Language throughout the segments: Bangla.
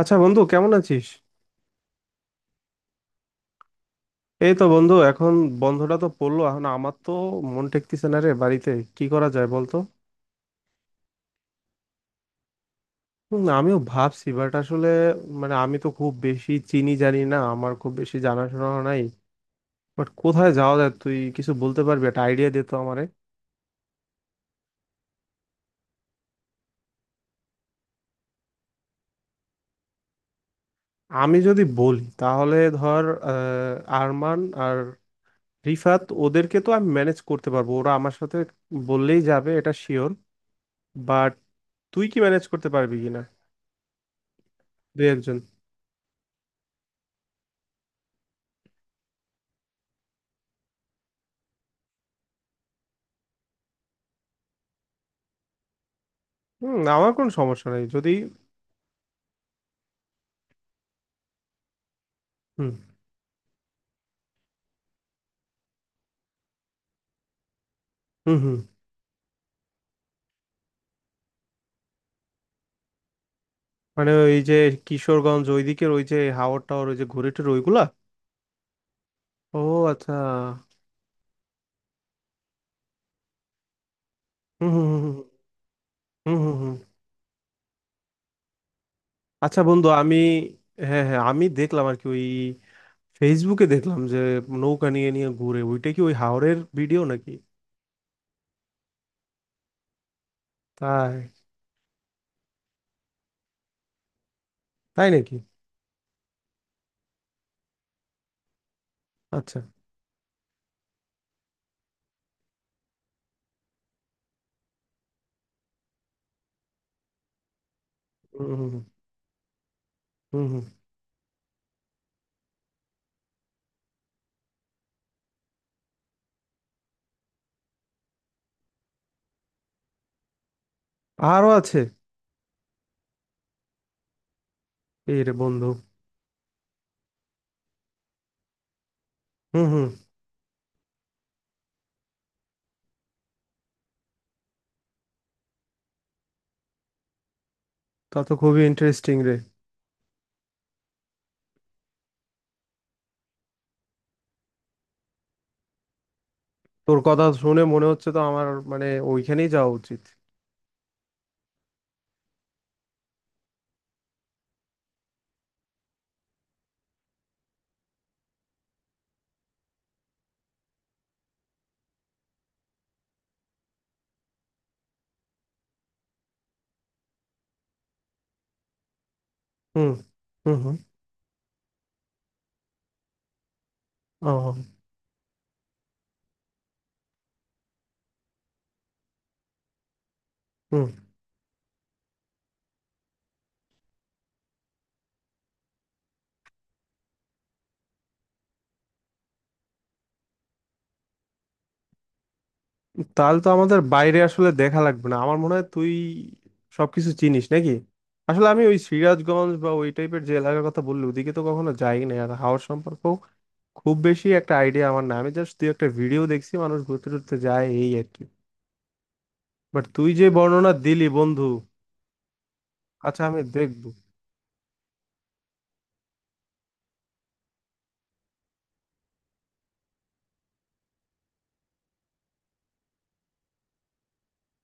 আচ্ছা বন্ধু, কেমন আছিস? এই তো বন্ধু, এখন বন্ধটা তো পড়লো, এখন আমার তো মন টেকতেছে না রে বাড়িতে। কি করা যায় বলতো? হুম, আমিও ভাবছি, বাট আসলে মানে আমি তো খুব বেশি চিনি জানি না, আমার খুব বেশি জানাশোনা নাই। বাট কোথায় যাওয়া যায়, তুই কিছু বলতে পারবি? একটা আইডিয়া দে তো আমারে। আমি যদি বলি তাহলে ধর, আহ, আরমান আর রিফাত, ওদেরকে তো আমি ম্যানেজ করতে পারবো, ওরা আমার সাথে বললেই যাবে, এটা শিওর। বাট তুই কি ম্যানেজ করতে পারবি কিনা দু একজনকে? হুম, আমার কোনো সমস্যা নেই যদি। হুম হুম হুম। মানে ওই যে কিশোরগঞ্জ ওইদিকের ওই যে হাওর টাওয়ার ওই যে ঘুরে টুরে ওইগুলা? ও, আচ্ছা। হুম হুম হুম হুম। হুম হুম হুম। আচ্ছা বন্ধু, আমি হ্যাঁ হ্যাঁ, আমি দেখলাম আর কি, ওই ফেসবুকে দেখলাম যে নৌকা নিয়ে নিয়ে ঘুরে, ওইটা কি ওই হাওরের ভিডিও নাকি? তাই? তাই নাকি? আচ্ছা। হুম হুম হুম হুম। হুম। আরো আছে? এই রে বন্ধু। হুম হুম। তা তো খুবই ইন্টারেস্টিং রে। তোর কথা শুনে মনে হচ্ছে তো আমার, মানে ওইখানেই যাওয়া উচিত। হুম হুম হুম। ও। হুম। তাহলে তো আমাদের বাইরে আসলে দেখা লাগবে না আমার মনে হয়, তুই সবকিছু চিনিস নাকি? আসলে আমি ওই সিরাজগঞ্জ বা ওই টাইপের যে এলাকার কথা বললি ওদিকে তো কখনো যাইনি না, আর হাওর সম্পর্কেও খুব বেশি একটা আইডিয়া আমার না, আমি জাস্ট তুই একটা ভিডিও দেখছি মানুষ ঘুরতে টুরতে যায় এই আর কি। বাট তুই যে বর্ণনা দিলি বন্ধু। আচ্ছা আমি দেখবো।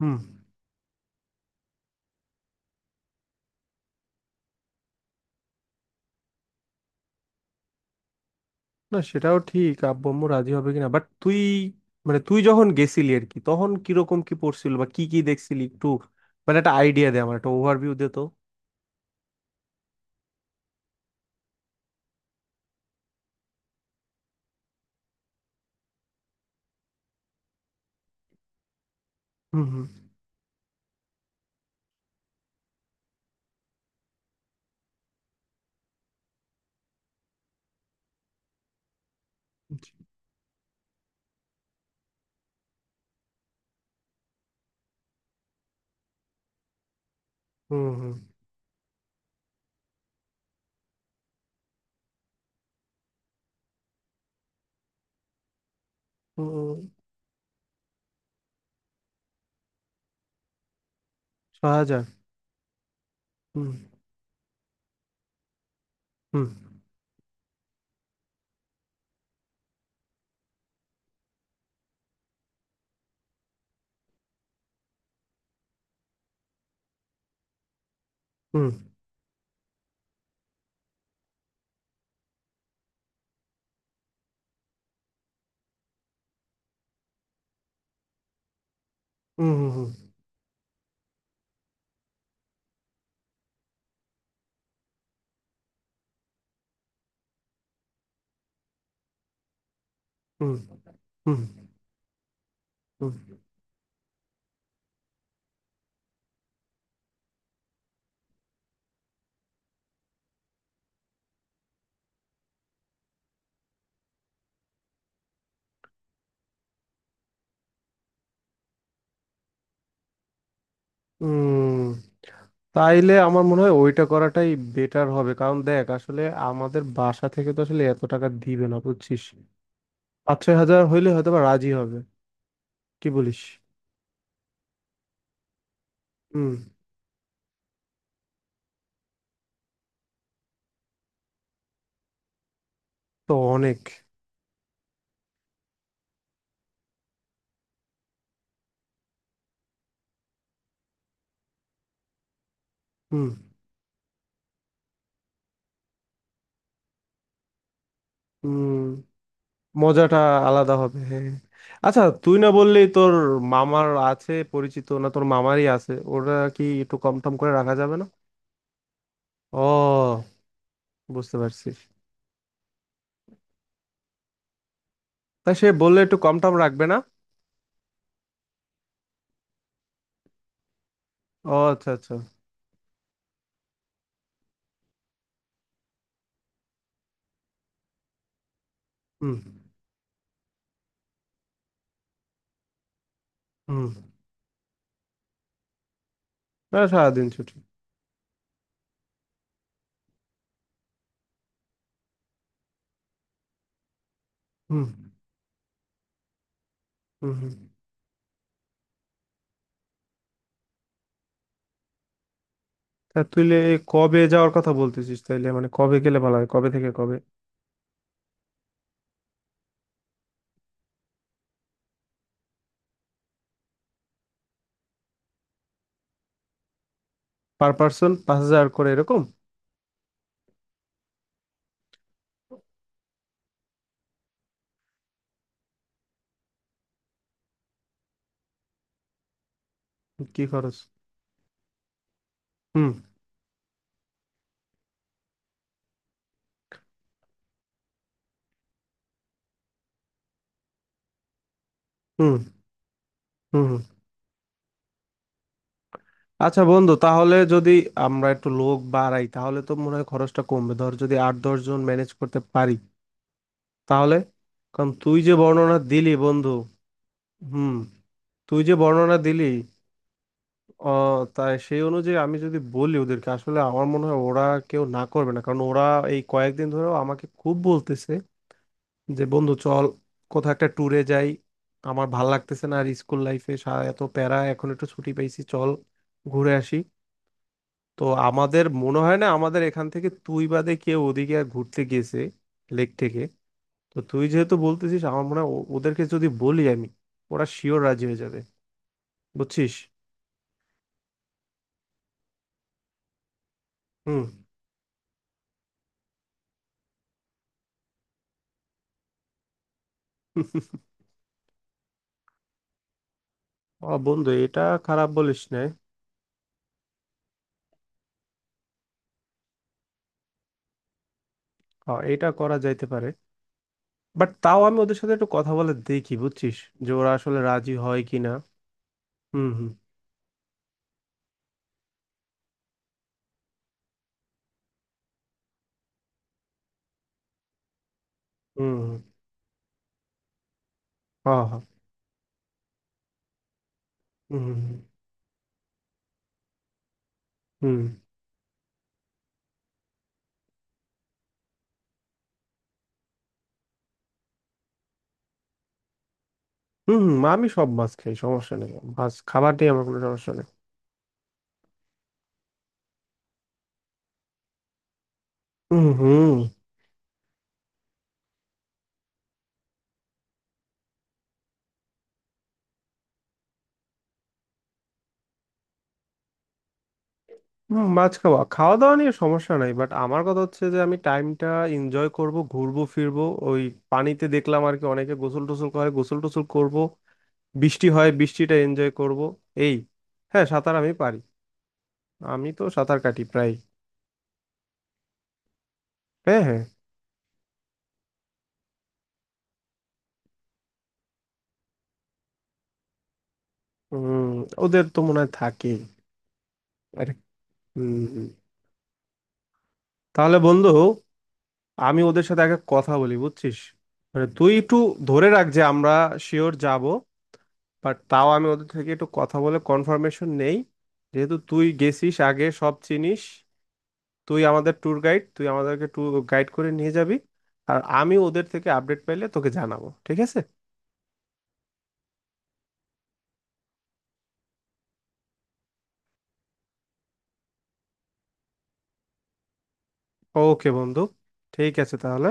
হুম। না সেটাও ঠিক, আব্বু আম্মু রাজি হবে কিনা। বাট তুই মানে তুই যখন গেছিলি আর কি, তখন কিরকম কি পড়ছিল বা কি কি দেখছিলি একটু, মানে একটা আইডিয়া দে, আমার একটা ওভারভিউ দে তো। হুম হুম হুম হুম। হুম হুম, 6,000? হুম হুম হুম হুম। হুম হুম হুম হুম হুম। তাইলে আমার মনে হয় ওইটা করাটাই বেটার হবে, কারণ দেখ আসলে আমাদের বাসা থেকে তো আসলে এত টাকা দিবে না, বুঝছিস। 5-6 হাজার হইলে হয়তো বা রাজি হবে। কি বলিস? হুম। তো অনেক। হুম হুম। মজাটা আলাদা হবে, হ্যাঁ হ্যাঁ। আচ্ছা তুই না বললি তোর মামার আছে পরিচিত, না তোর মামারই আছে, ওরা কি একটু কম টম করে রাখা যাবে না? ও, বুঝতে পারছি। তা সে বললে একটু কম টম রাখবে না? ও আচ্ছা আচ্ছা। হুম হুম। না, সারাদিন ছুটি। হুম হুম হুম। তা কবে যাওয়ার কথা বলতেছিস তাইলে, মানে কবে গেলে ভালো হয়, কবে থেকে কবে? পার পার্সন 5,000 করে এরকম? কি খরচ? হুম হুম হুম। আচ্ছা বন্ধু, তাহলে যদি আমরা একটু লোক বাড়াই তাহলে তো মনে হয় খরচটা কমবে, ধর যদি 8-10 জন ম্যানেজ করতে পারি তাহলে, কারণ তুই যে বর্ণনা দিলি বন্ধু। হুম। তুই যে বর্ণনা দিলি আহ তাই, সেই অনুযায়ী আমি যদি বলি ওদেরকে, আসলে আমার মনে হয় ওরা কেউ না করবে না, কারণ ওরা এই কয়েকদিন ধরেও আমাকে খুব বলতেছে যে, বন্ধু চল কোথাও একটা ট্যুরে যাই, আমার ভাল লাগতেছে না আর, স্কুল লাইফে এত প্যারা, এখন একটু ছুটি পেয়েছি, চল ঘুরে আসি। তো আমাদের মনে হয় না আমাদের এখান থেকে তুই বাদে কেউ ওদিকে আর ঘুরতে গেছে, লেক থেকে। তো তুই যেহেতু বলতেছিস আমার মনে হয় ওদেরকে যদি বলি আমি, ওরা শিওর রাজি হয়ে যাবে, বুঝছিস। হুম। ও বন্ধু এটা খারাপ বলিস না। হ্যাঁ, এটা করা যাইতে পারে, বাট তাও আমি ওদের সাথে একটু কথা বলে দেখি বুঝছিস, যে ওরা আসলে রাজি হয় কিনা। হুম হুম হুম। হ্যাঁ হ্যাঁ। হুম হুম হুম হুম। হুম হুম, আমি সব মাছ খাই, সমস্যা নেই। মাছ খাবার নিয়ে আমার কোনো সমস্যা নেই। হুম হুম হুম। মাছ খাওয়া খাওয়া দাওয়া নিয়ে সমস্যা নাই, বাট আমার কথা হচ্ছে যে আমি টাইমটা এনজয় করব, ঘুরবো ফিরবো। ওই পানিতে দেখলাম আর কি অনেকে গোসল টোসল করে, গোসল টোসল করব। বৃষ্টি হয়, বৃষ্টিটা এনজয় করব। এই হ্যাঁ, সাঁতার আমি পারি, আমি তো সাঁতার কাটি প্রায়। হ্যাঁ হ্যাঁ। উম ওদের তো মনে হয় থাকে। আরে। হুম হুম। তাহলে বন্ধু, আমি ওদের সাথে আগে কথা বলি বুঝছিস, মানে তুই একটু ধরে রাখ যে আমরা শিওর যাব, বাট তাও আমি ওদের থেকে একটু কথা বলে কনফার্মেশন নেই। যেহেতু তুই গেছিস আগে সব চিনিস, তুই আমাদের ট্যুর গাইড, তুই আমাদেরকে ট্যুর গাইড করে নিয়ে যাবি। আর আমি ওদের থেকে আপডেট পেলে তোকে জানাবো, ঠিক আছে। ওকে বন্ধু। ঠিক আছে তাহলে।